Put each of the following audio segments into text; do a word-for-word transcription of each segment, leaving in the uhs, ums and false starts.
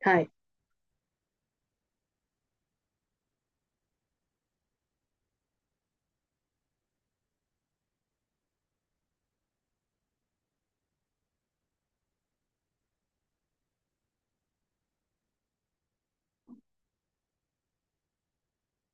はい。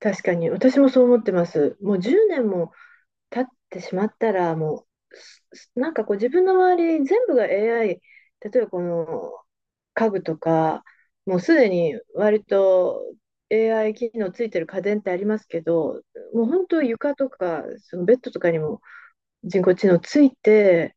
確かに。私もそう思ってます。もうじゅうねんも経ってしまったら、もう、すすなんかこう自分の周り全部が エーアイ、例えばこの家具とか、もうすでに割と エーアイ 機能ついてる家電ってありますけど、もう本当床とか、そのベッドとかにも人工知能ついて、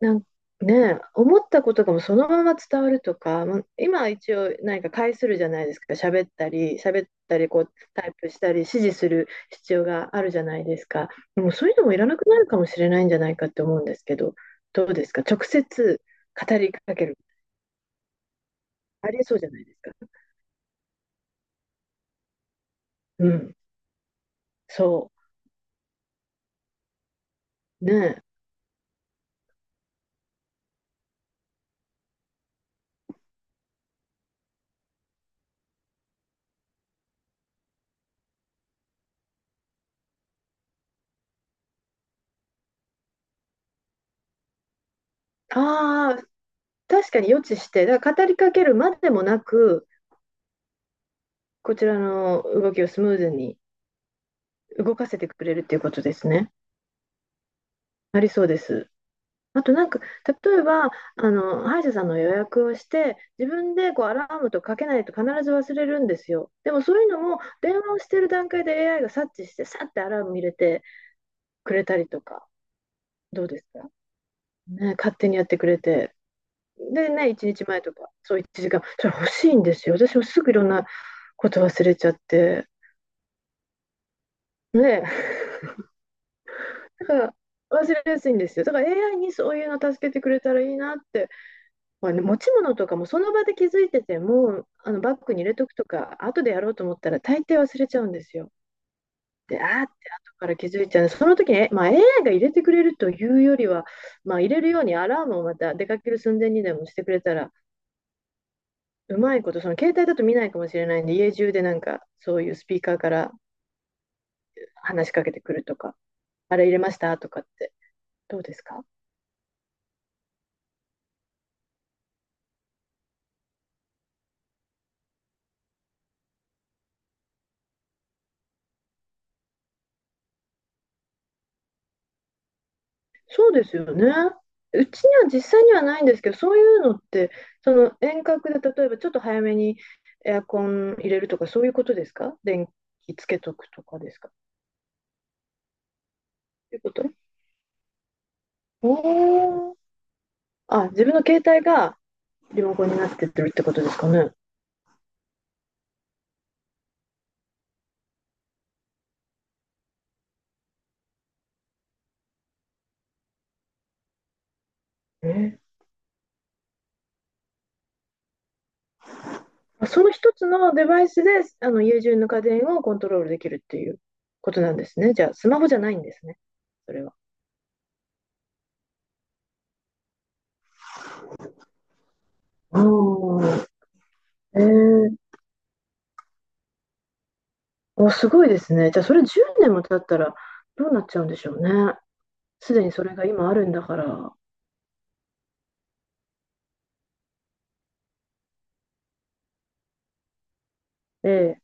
なんね、思ったことがもうそのまま伝わるとか、まあ今一応何か介するじゃないですか、喋ったり、喋ったりこうタイプしたり、指示する必要があるじゃないですか。でもそういうのもいらなくなるかもしれないんじゃないかって思うんですけど、どうですか、直接語りかける、ありえそうじゃないですか。うん、そう、ねえ、ああ、確かに予知して、だから語りかけるまでもなく、こちらの動きをスムーズに動かせてくれるっていうことですね。ありそうです。あとなんか、例えば、あの、歯医者さんの予約をして、自分でこうアラームとかけないと必ず忘れるんですよ。でもそういうのも、電話をしてる段階で エーアイ が察知して、さってアラーム入れてくれたりとか、どうですかね、勝手にやってくれて。でね、いちにちまえとか、そういちじかん、それ欲しいんですよ。私もすぐいろんなこと忘れちゃって。ね、だから忘れやすいんですよ。だから エーアイ にそういうの助けてくれたらいいなって、まあね、持ち物とかもその場で気づいてても、あのバッグに入れとくとか、後でやろうと思ったら大抵忘れちゃうんですよ。で、あーって後から気づいちゃう。その時に、えまあ、エーアイ が入れてくれるというよりは、まあ、入れるようにアラームをまた出かける寸前にでもしてくれたら、うまいこと、その携帯だと見ないかもしれないんで、家中でなんかそういうスピーカーから話しかけてくるとか、あれ入れましたとかって、どうですか？そうですよね。うちには実際にはないんですけど、そういうのって、その遠隔で例えばちょっと早めにエアコン入れるとか、そういうことですか？電気つけとくとかですか？ということ。おー。あ、自分の携帯がリモコンになってってるってことですかね。えーその一つのデバイスで、あの家中の家電をコントロールできるっていうことなんですね。じゃあ、スマホじゃないんですね。それは。ああ、えーお、すごいですね。じゃあ、それじゅうねんも経ったらどうなっちゃうんでしょうね。すでにそれが今あるんだから。ええ、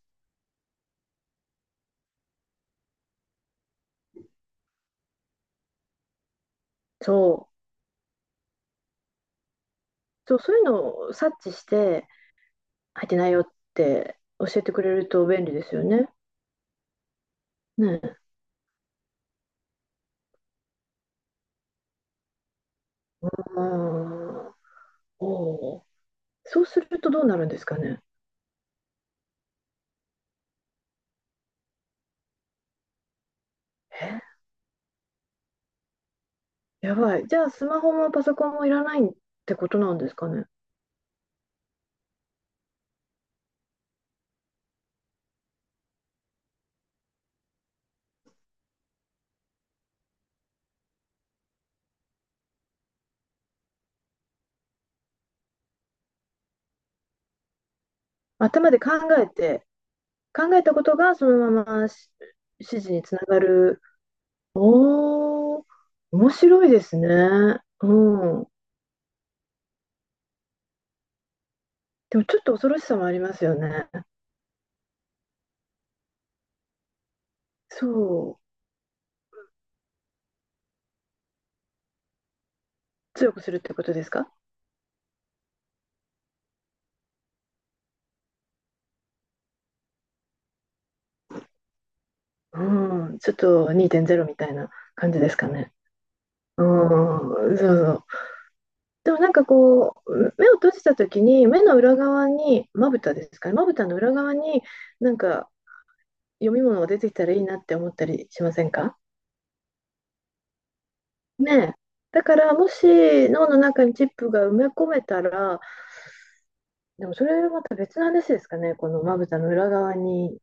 そう、そう、そういうのを察知して、入ってないよって教えてくれると便利ですよね。ねえ。あー。おー。そうするとどうなるんですかね。え、やばい。じゃあ、スマホもパソコンもいらないってことなんですかね。頭で考えて、考えたことがそのままし指示につながる。おー、面白いですね。うん。でもちょっと恐ろしさもありますよね。そう。強くするってことですか？うん。ちょっとにてんれいみたいな感じですかね。うん。そうそう。でもなんかこう、目を閉じたときに、目の裏側に、まぶたですかね。まぶたの裏側に、なんか読み物が出てきたらいいなって思ったりしませんか？ねえ。だからもし脳の中にチップが埋め込めたら、でもそれまた別の話ですかね、このまぶたの裏側に。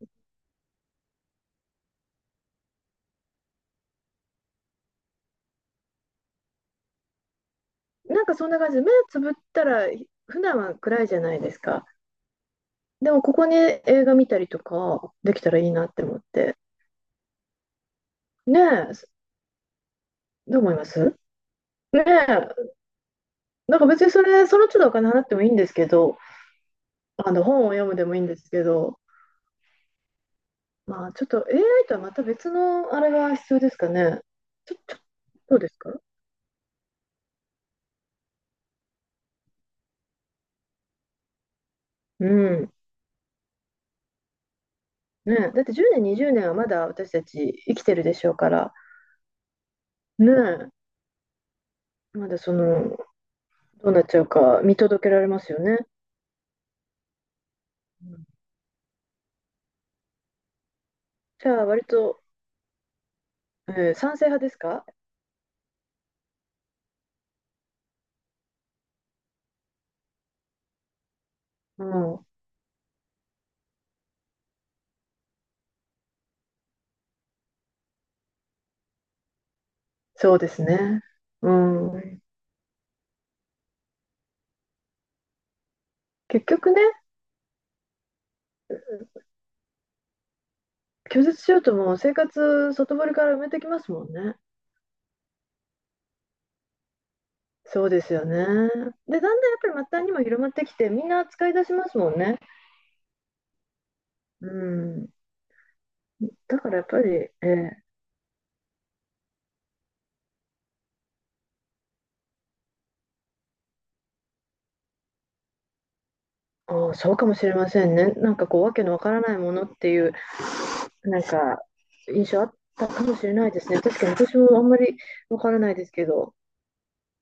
なんかそんな感じで、目つぶったら普段は暗いじゃないですか。でもここに映画見たりとかできたらいいなって思って。ねえ、どう思います？ねえ、なんか別にそれ、その都度お金払ってもいいんですけど、あの本を読むでもいいんですけど、まあちょっと エーアイ とはまた別のあれが必要ですかね。ちょ、ちょ、どうですか？うん。ねえ、だってじゅうねん、にじゅうねんはまだ私たち生きてるでしょうから、ねえ、まだその、どうなっちゃうか見届けられますよね。うん。じゃあ、割と、えー賛成派ですか？うん、そうですね。うん。結局ね、拒絶しようとも生活外堀から埋めてきますもんね。そうですよね。で、だんだんやっぱり末端にも広まってきて、みんな使い出しますもんね。うん。だからやっぱり、えーあー、そうかもしれませんね。なんかこう、わけのわからないものっていうなんか、印象あったかもしれないですね。確かに私もあんまりわからないですけど、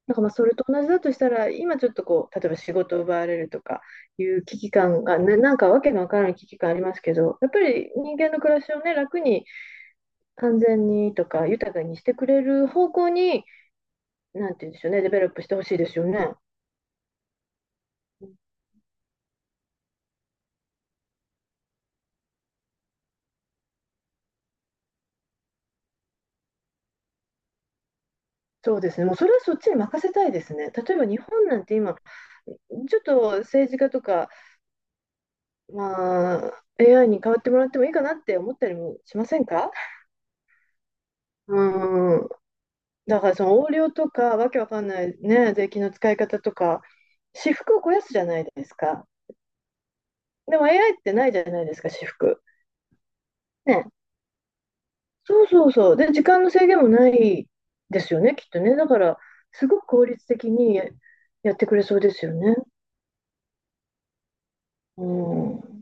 なんかまあそれと同じだとしたら、今ちょっとこう、例えば仕事を奪われるとかいう危機感が、な、なんかわけのわからない危機感ありますけど、やっぱり人間の暮らしをね、楽に安全にとか豊かにしてくれる方向に、なんて言うんでしょうね、デベロップしてほしいですよね。そうですね、もうそれはそっちに任せたいですね。例えば日本なんて今、ちょっと政治家とかまあ、エーアイ に代わってもらってもいいかなって思ったりもしませんか？うん。だからその横領とか、わけわかんないね、税金の使い方とか、私服を肥やすじゃないですか。でも エーアイ ってないじゃないですか、私服。ね。そうそうそう。で、時間の制限もないですよね、きっとね。だから、すごく効率的にやってくれそうですよね。うん。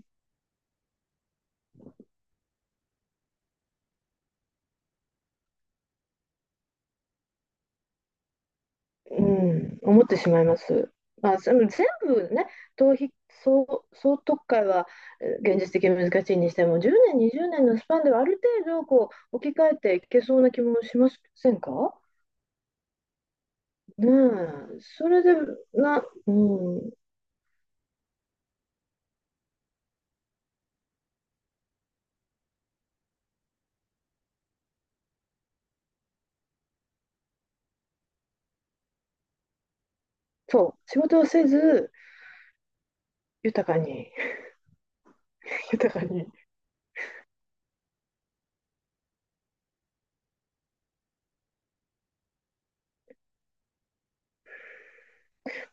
うん、思ってしまいます。まあ、その全部ね、逃避、総、総特会はえー現実的に難しいにしても、じゅうねん、にじゅうねんのスパンではある程度こう置き換えていけそうな気もしませんか？ねえ、それで、な、うん、そう、仕事をせず、豊かに、豊かに、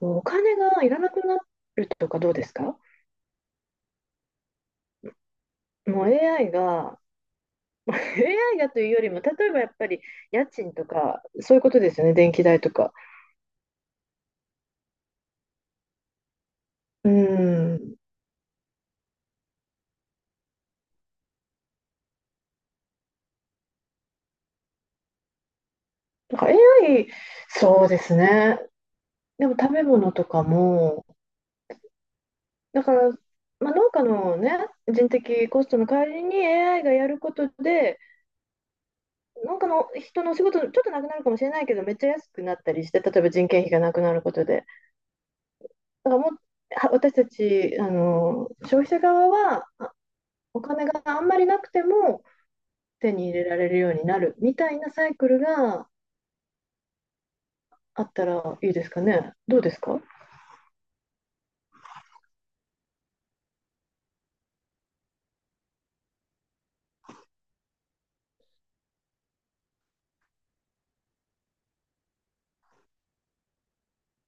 もうお金がいらなくなるとかどうですか？もう エーアイ が、エーアイ がというよりも、例えばやっぱり家賃とか、そういうことですよね、電気代とか。うん。だから エーアイ、そうですね。でも食べ物とかも、だから、まあ、農家のね、人的コストの代わりに エーアイ がやることで、農家の人のお仕事、ちょっとなくなるかもしれないけど、めっちゃ安くなったりして、例えば人件費がなくなることで。だからもう、は私たち、あの、消費者側は、あお金があんまりなくても手に入れられるようになるみたいなサイクルがあったらいいですかね。どうですか？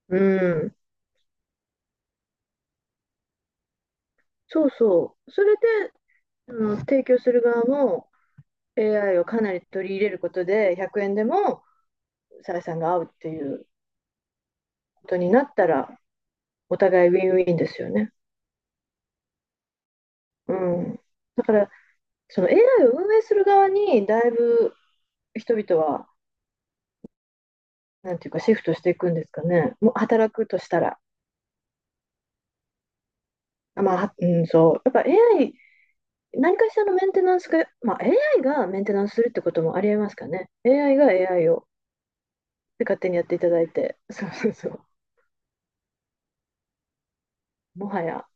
うん。そうそう。それで、あの、提供する側も エーアイ をかなり取り入れることで、ひゃくえんでも採算が合うっていうことになったら、お互いウィンウィンですよね。うん。だから、その エーアイ を運営する側に、だいぶ人々は、なんていうか、シフトしていくんですかね。もう働くとしたら。あまあ、はうん、そう。やっぱ エーアイ、何かしらのメンテナンスが、まあ、AI がメンテナンスするってこともありえますかね。エーアイ が エーアイ をで勝手にやっていただいて。そうそうそう。もはや。